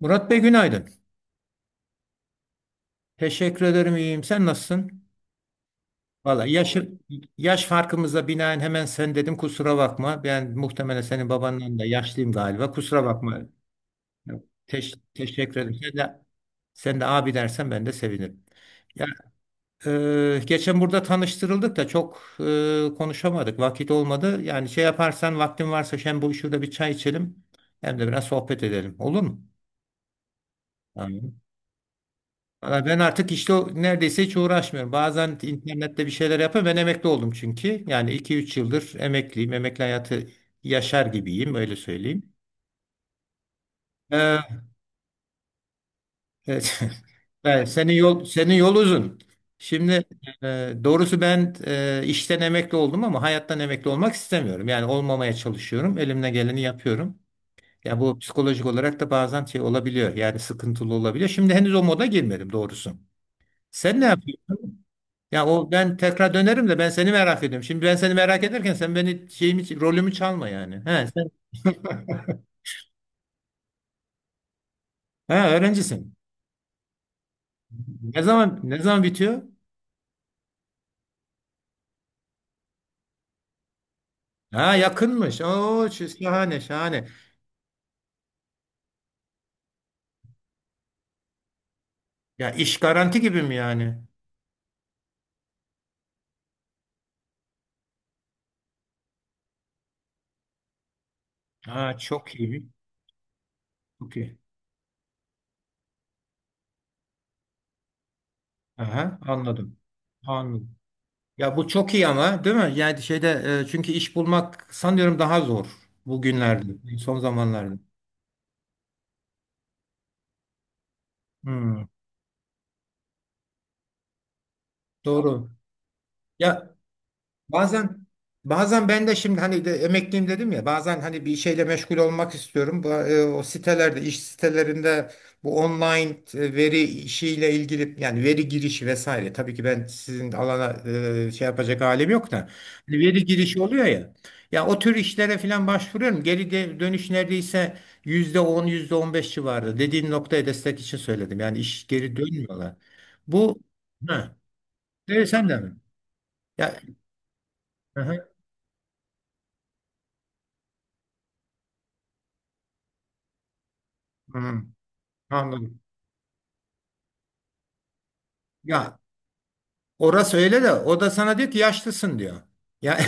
Murat Bey günaydın. Teşekkür ederim iyiyim. Sen nasılsın? Valla, yaş farkımıza binaen hemen sen dedim kusura bakma. Ben muhtemelen senin babandan da yaşlıyım galiba. Kusura bakma. Yok, teşekkür ederim. Sen de abi dersen ben de sevinirim. Ya, Geçen burada tanıştırıldık da çok konuşamadık. Vakit olmadı. Yani şey yaparsan vaktin varsa hem bu şurada bir çay içelim hem de biraz sohbet edelim. Olur mu? Tamam. Valla ben artık işte neredeyse hiç uğraşmıyorum. Bazen internette bir şeyler yapıyorum. Ben emekli oldum çünkü. Yani iki üç yıldır emekliyim. Emekli hayatı yaşar gibiyim, öyle söyleyeyim. Ee, evet. Evet, senin yol uzun. Şimdi doğrusu ben işten emekli oldum ama hayattan emekli olmak istemiyorum. Yani olmamaya çalışıyorum. Elimden geleni yapıyorum. Ya bu psikolojik olarak da bazen şey olabiliyor. Yani sıkıntılı olabiliyor. Şimdi henüz o moda girmedim doğrusu. Sen ne yapıyorsun? Ya o ben tekrar dönerim de ben seni merak ediyorum. Şimdi ben seni merak ederken sen beni şeyimi rolümü çalma yani. He sen. ha, Öğrencisin. Ne zaman bitiyor? Ha, yakınmış. Oo, şahane şahane. Ya iş garanti gibi mi yani? Ha, çok iyi. Çok iyi. Aha, anladım. Anladım. Ya bu çok iyi ama değil mi? Yani şeyde çünkü iş bulmak sanıyorum daha zor bugünlerde, son zamanlarda. Hmm, doğru. Ya Bazen bazen ben de şimdi hani de emekliyim dedim ya, bazen hani bir şeyle meşgul olmak istiyorum. Bu, o sitelerde, iş sitelerinde bu online veri işiyle ilgili, yani veri girişi vesaire. Tabii ki ben sizin alana şey yapacak halim yok da hani veri girişi oluyor ya. Ya o tür işlere falan başvuruyorum. Geri dönüş neredeyse %10 %15 civarı. Dediğin noktaya destek için söyledim. Yani iş, geri dönmüyorlar. Bu ha, evet, sen de mi? Ya, hı hı. Hı. Anladım. Ya orası öyle de, o da sana diyor ki yaşlısın diyor. Ya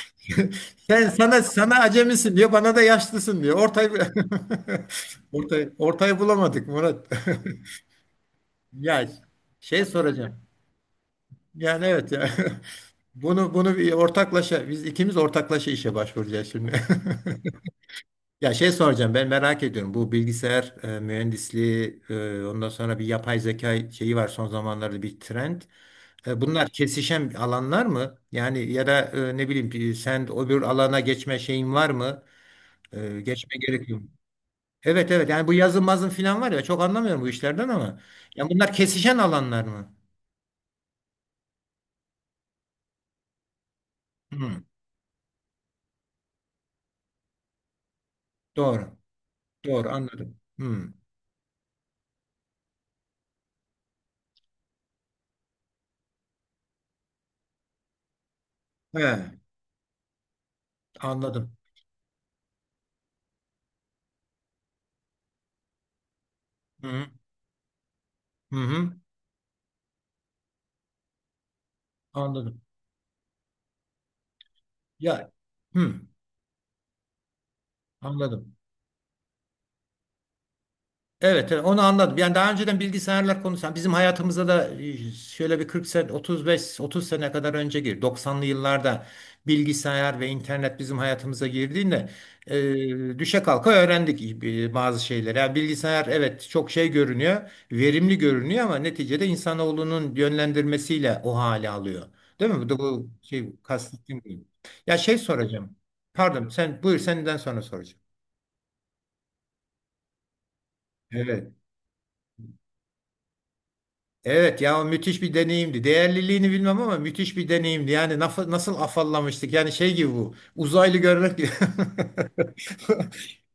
sen, sana acemisin diyor, bana da yaşlısın diyor. Ortayı ortayı bulamadık Murat. Ya şey soracağım. Yani evet ya. Bunu bir ortaklaşa, biz ikimiz ortaklaşa işe başvuracağız şimdi. Ya şey soracağım, ben merak ediyorum bu bilgisayar mühendisliği ondan sonra bir yapay zeka şeyi var, son zamanlarda bir trend. Bunlar kesişen alanlar mı? Yani ya da ne bileyim, sen öbür alana geçme şeyin var mı? Geçme gerekiyor mu? Evet evet, yani bu yazın mazın filan var ya, çok anlamıyorum bu işlerden ama. Yani bunlar kesişen alanlar mı? Hı, doğru. Doğru, anladım. Hı. He, anladım. Hı, hı, hı, hı, anladım. Ya hı, anladım. Evet, evet, onu anladım. Yani daha önceden bilgisayarlar konusu. Yani bizim hayatımıza da şöyle bir 40 sene, 35, 30 sene kadar önce girdi. 90'lı yıllarda bilgisayar ve internet bizim hayatımıza girdiğinde düşe kalka öğrendik bazı şeyleri. Yani bilgisayar evet çok şey görünüyor, verimli görünüyor ama neticede insanoğlunun yönlendirmesiyle o hale alıyor. Değil mi? Bu da bu şey kastettiğim gibi. Ya şey soracağım. Pardon, sen buyur, senden sonra soracağım. Evet. Evet ya, o müthiş bir deneyimdi. Değerliliğini bilmem ama müthiş bir deneyimdi. Yani nasıl afallamıştık? Yani şey gibi bu. Uzaylı görmek gibi.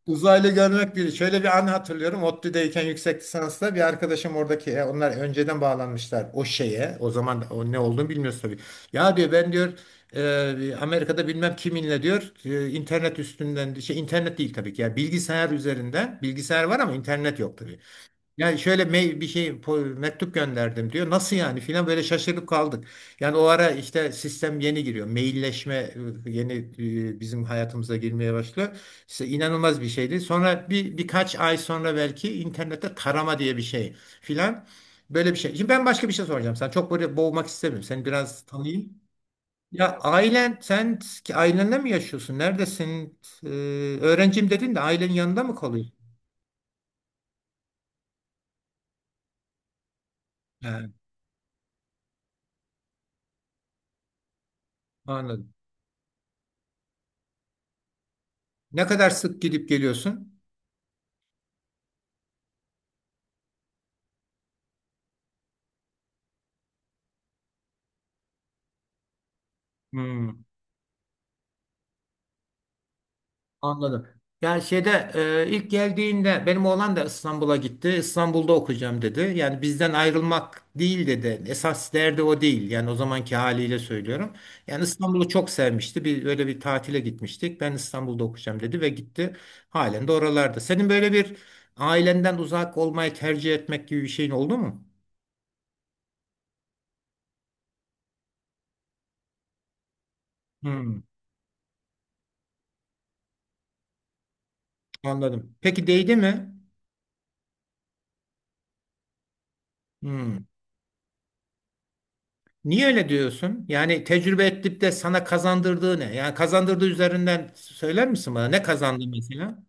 Uzaylı görmek biri. Şöyle bir an hatırlıyorum. ODTÜ'deyken yüksek lisansta bir arkadaşım oradaki onlar önceden bağlanmışlar o şeye. O zaman o ne olduğunu bilmiyoruz tabii. Ya diyor, ben diyor Amerika'da bilmem kiminle diyor internet üstünden, şey internet değil tabii ki. Yani bilgisayar üzerinden, bilgisayar var ama internet yok, yani şöyle bir şey, mektup gönderdim diyor. Nasıl yani filan, böyle şaşırıp kaldık. Yani o ara işte sistem yeni giriyor. Mailleşme yeni bizim hayatımıza girmeye başlıyor. İşte inanılmaz bir şeydi. Sonra birkaç ay sonra belki internette tarama diye bir şey filan, böyle bir şey. Şimdi ben başka bir şey soracağım. Sen çok böyle, boğmak istemiyorum. Seni biraz tanıyayım. Ya ailen, sen ki ailenle mi yaşıyorsun? Neredesin? Ee, Öğrencim dedin de, ailenin yanında mı kalıyorsun? He, anladım. Ne kadar sık gidip geliyorsun? Hmm, anladım. Yani şeyde ilk geldiğinde benim oğlan da İstanbul'a gitti. İstanbul'da okuyacağım dedi. Yani bizden ayrılmak değil dedi. Esas derdi o değil. Yani o zamanki haliyle söylüyorum. Yani İstanbul'u çok sevmişti. Bir öyle bir tatile gitmiştik. Ben İstanbul'da okuyacağım dedi ve gitti. Halen de oralarda. Senin böyle bir ailenden uzak olmayı tercih etmek gibi bir şeyin oldu mu? Hmm, anladım. Peki değdi mi? Hmm. Niye öyle diyorsun? Yani tecrübe edip de sana kazandırdığı ne? Yani kazandırdığı üzerinden söyler misin bana? Ne kazandı mesela?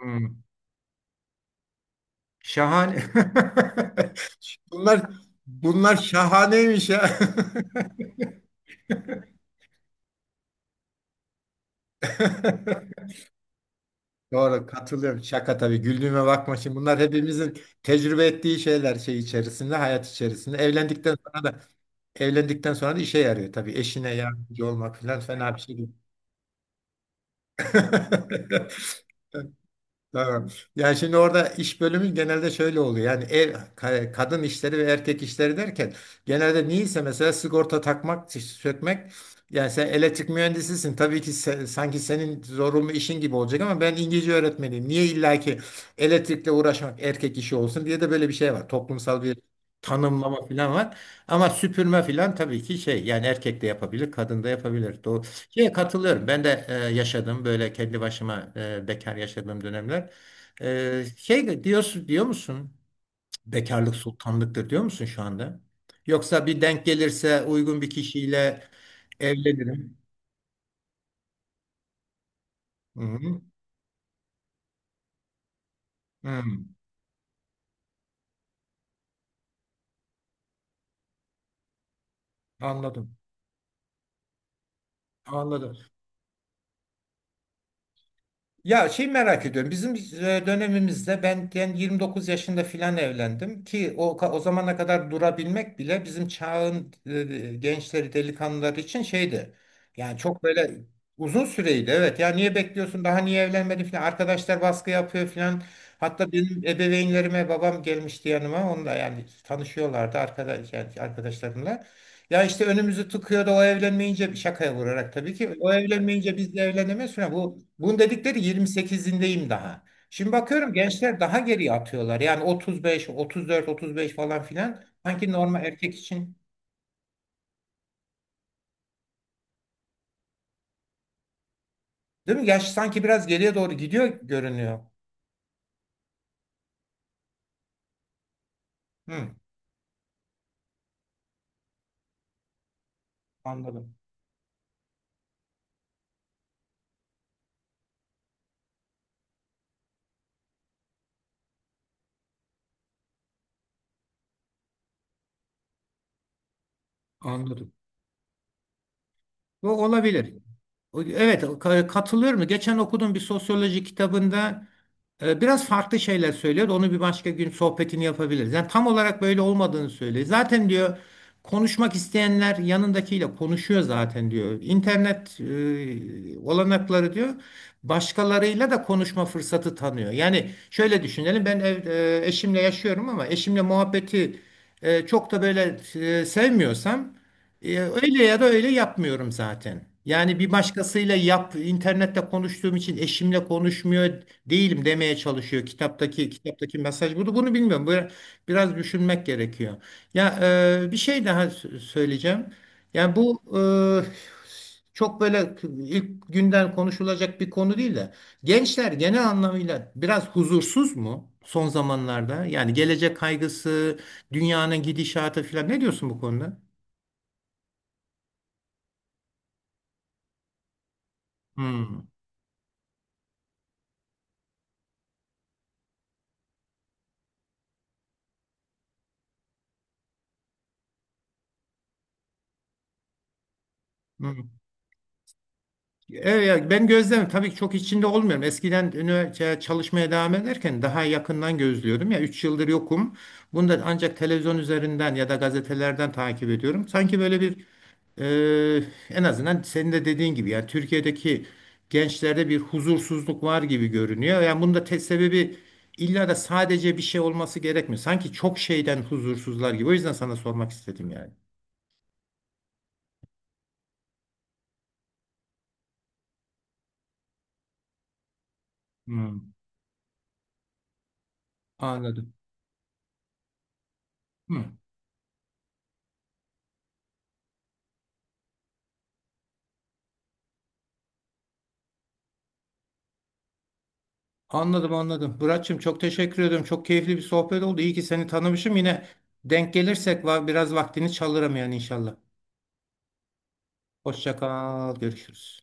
Hmm. Şahane. Bunlar bunlar şahaneymiş ya. Doğru, katılıyorum. Şaka tabii. Güldüğüme bakma şimdi. Bunlar hepimizin tecrübe ettiği şeyler, şey içerisinde, hayat içerisinde. Evlendikten sonra da işe yarıyor tabii. Eşine yardımcı olmak falan fena bir şey değil. Tamam. Yani şimdi orada iş bölümü genelde şöyle oluyor. Yani ev, kadın işleri ve erkek işleri derken genelde niyeyse, mesela sigorta takmak, sökmek. Yani sen elektrik mühendisisin. Tabii ki sanki senin zorunlu işin gibi olacak ama ben İngilizce öğretmeniyim. Niye illaki elektrikle uğraşmak erkek işi olsun diye de böyle bir şey var. Toplumsal bir tanımlama falan var. Ama süpürme falan tabii ki şey yani, erkek de yapabilir, kadın da yapabilir. Şeye katılıyorum. Ben de yaşadım böyle kendi başıma bekar yaşadığım dönemler. Şey diyorsun, diyor musun? Cık, bekarlık sultanlıktır diyor musun şu anda? Yoksa bir denk gelirse uygun bir kişiyle evlenirim. Hı hı. Hı. Anladım. Anladım. Ya şey merak ediyorum. Bizim dönemimizde ben, yani 29 yaşında filan evlendim ki o zamana kadar durabilmek bile bizim çağın gençleri, delikanlıları için şeydi. Yani çok böyle uzun süreydi. Evet ya, niye bekliyorsun? Daha niye evlenmedin filan. Arkadaşlar baskı yapıyor filan. Hatta benim ebeveynlerime babam gelmişti yanıma. Onunla yani tanışıyorlardı arkadaş, yani arkadaşlarımla. Ya işte önümüzü tıkıyordu o evlenmeyince, şakaya vurarak tabii ki. O evlenmeyince biz de evlenemeyiz falan. Bunun dedikleri, 28'indeyim daha. Şimdi bakıyorum gençler daha geriye atıyorlar. Yani 35, 34, 35 falan filan. Sanki normal erkek için. Değil mi? Yaş sanki biraz geriye doğru gidiyor görünüyor. Hı, anladım. Anladım. O olabilir. Evet, ka- katılıyorum. Geçen okuduğum bir sosyoloji kitabında biraz farklı şeyler söylüyor. Onu bir başka gün sohbetini yapabiliriz. Yani tam olarak böyle olmadığını söylüyor. Zaten diyor, konuşmak isteyenler yanındakiyle konuşuyor zaten diyor. İnternet olanakları diyor, başkalarıyla da konuşma fırsatı tanıyor. Yani şöyle düşünelim, ben eşimle yaşıyorum ama eşimle muhabbeti çok da böyle sevmiyorsam öyle ya da öyle yapmıyorum zaten. Yani bir başkasıyla yap, internette konuştuğum için eşimle konuşmuyor değilim demeye çalışıyor. Kitaptaki mesaj bunu bilmiyorum. Böyle biraz düşünmek gerekiyor. Ya bir şey daha söyleyeceğim. Yani bu çok böyle ilk günden konuşulacak bir konu değil de, gençler genel anlamıyla biraz huzursuz mu son zamanlarda? Yani gelecek kaygısı, dünyanın gidişatı falan, ne diyorsun bu konuda? Hmm. Hı. Evet, ya ben gözlem tabii ki çok içinde olmuyorum. Eskiden üniversite çalışmaya devam ederken daha yakından gözlüyordum. Ya 3 yıldır yokum. Bunu da ancak televizyon üzerinden ya da gazetelerden takip ediyorum. Sanki böyle bir en azından senin de dediğin gibi yani Türkiye'deki gençlerde bir huzursuzluk var gibi görünüyor. Yani bunun da tek sebebi illa da sadece bir şey olması gerekmiyor. Sanki çok şeyden huzursuzlar gibi. O yüzden sana sormak istedim yani. Hmm, anladım. Hı. Anladım, anladım. Muratçım çok teşekkür ediyorum. Çok keyifli bir sohbet oldu. İyi ki seni tanımışım. Yine denk gelirsek var, biraz vaktini çalırım yani inşallah. Hoşça kal. Görüşürüz.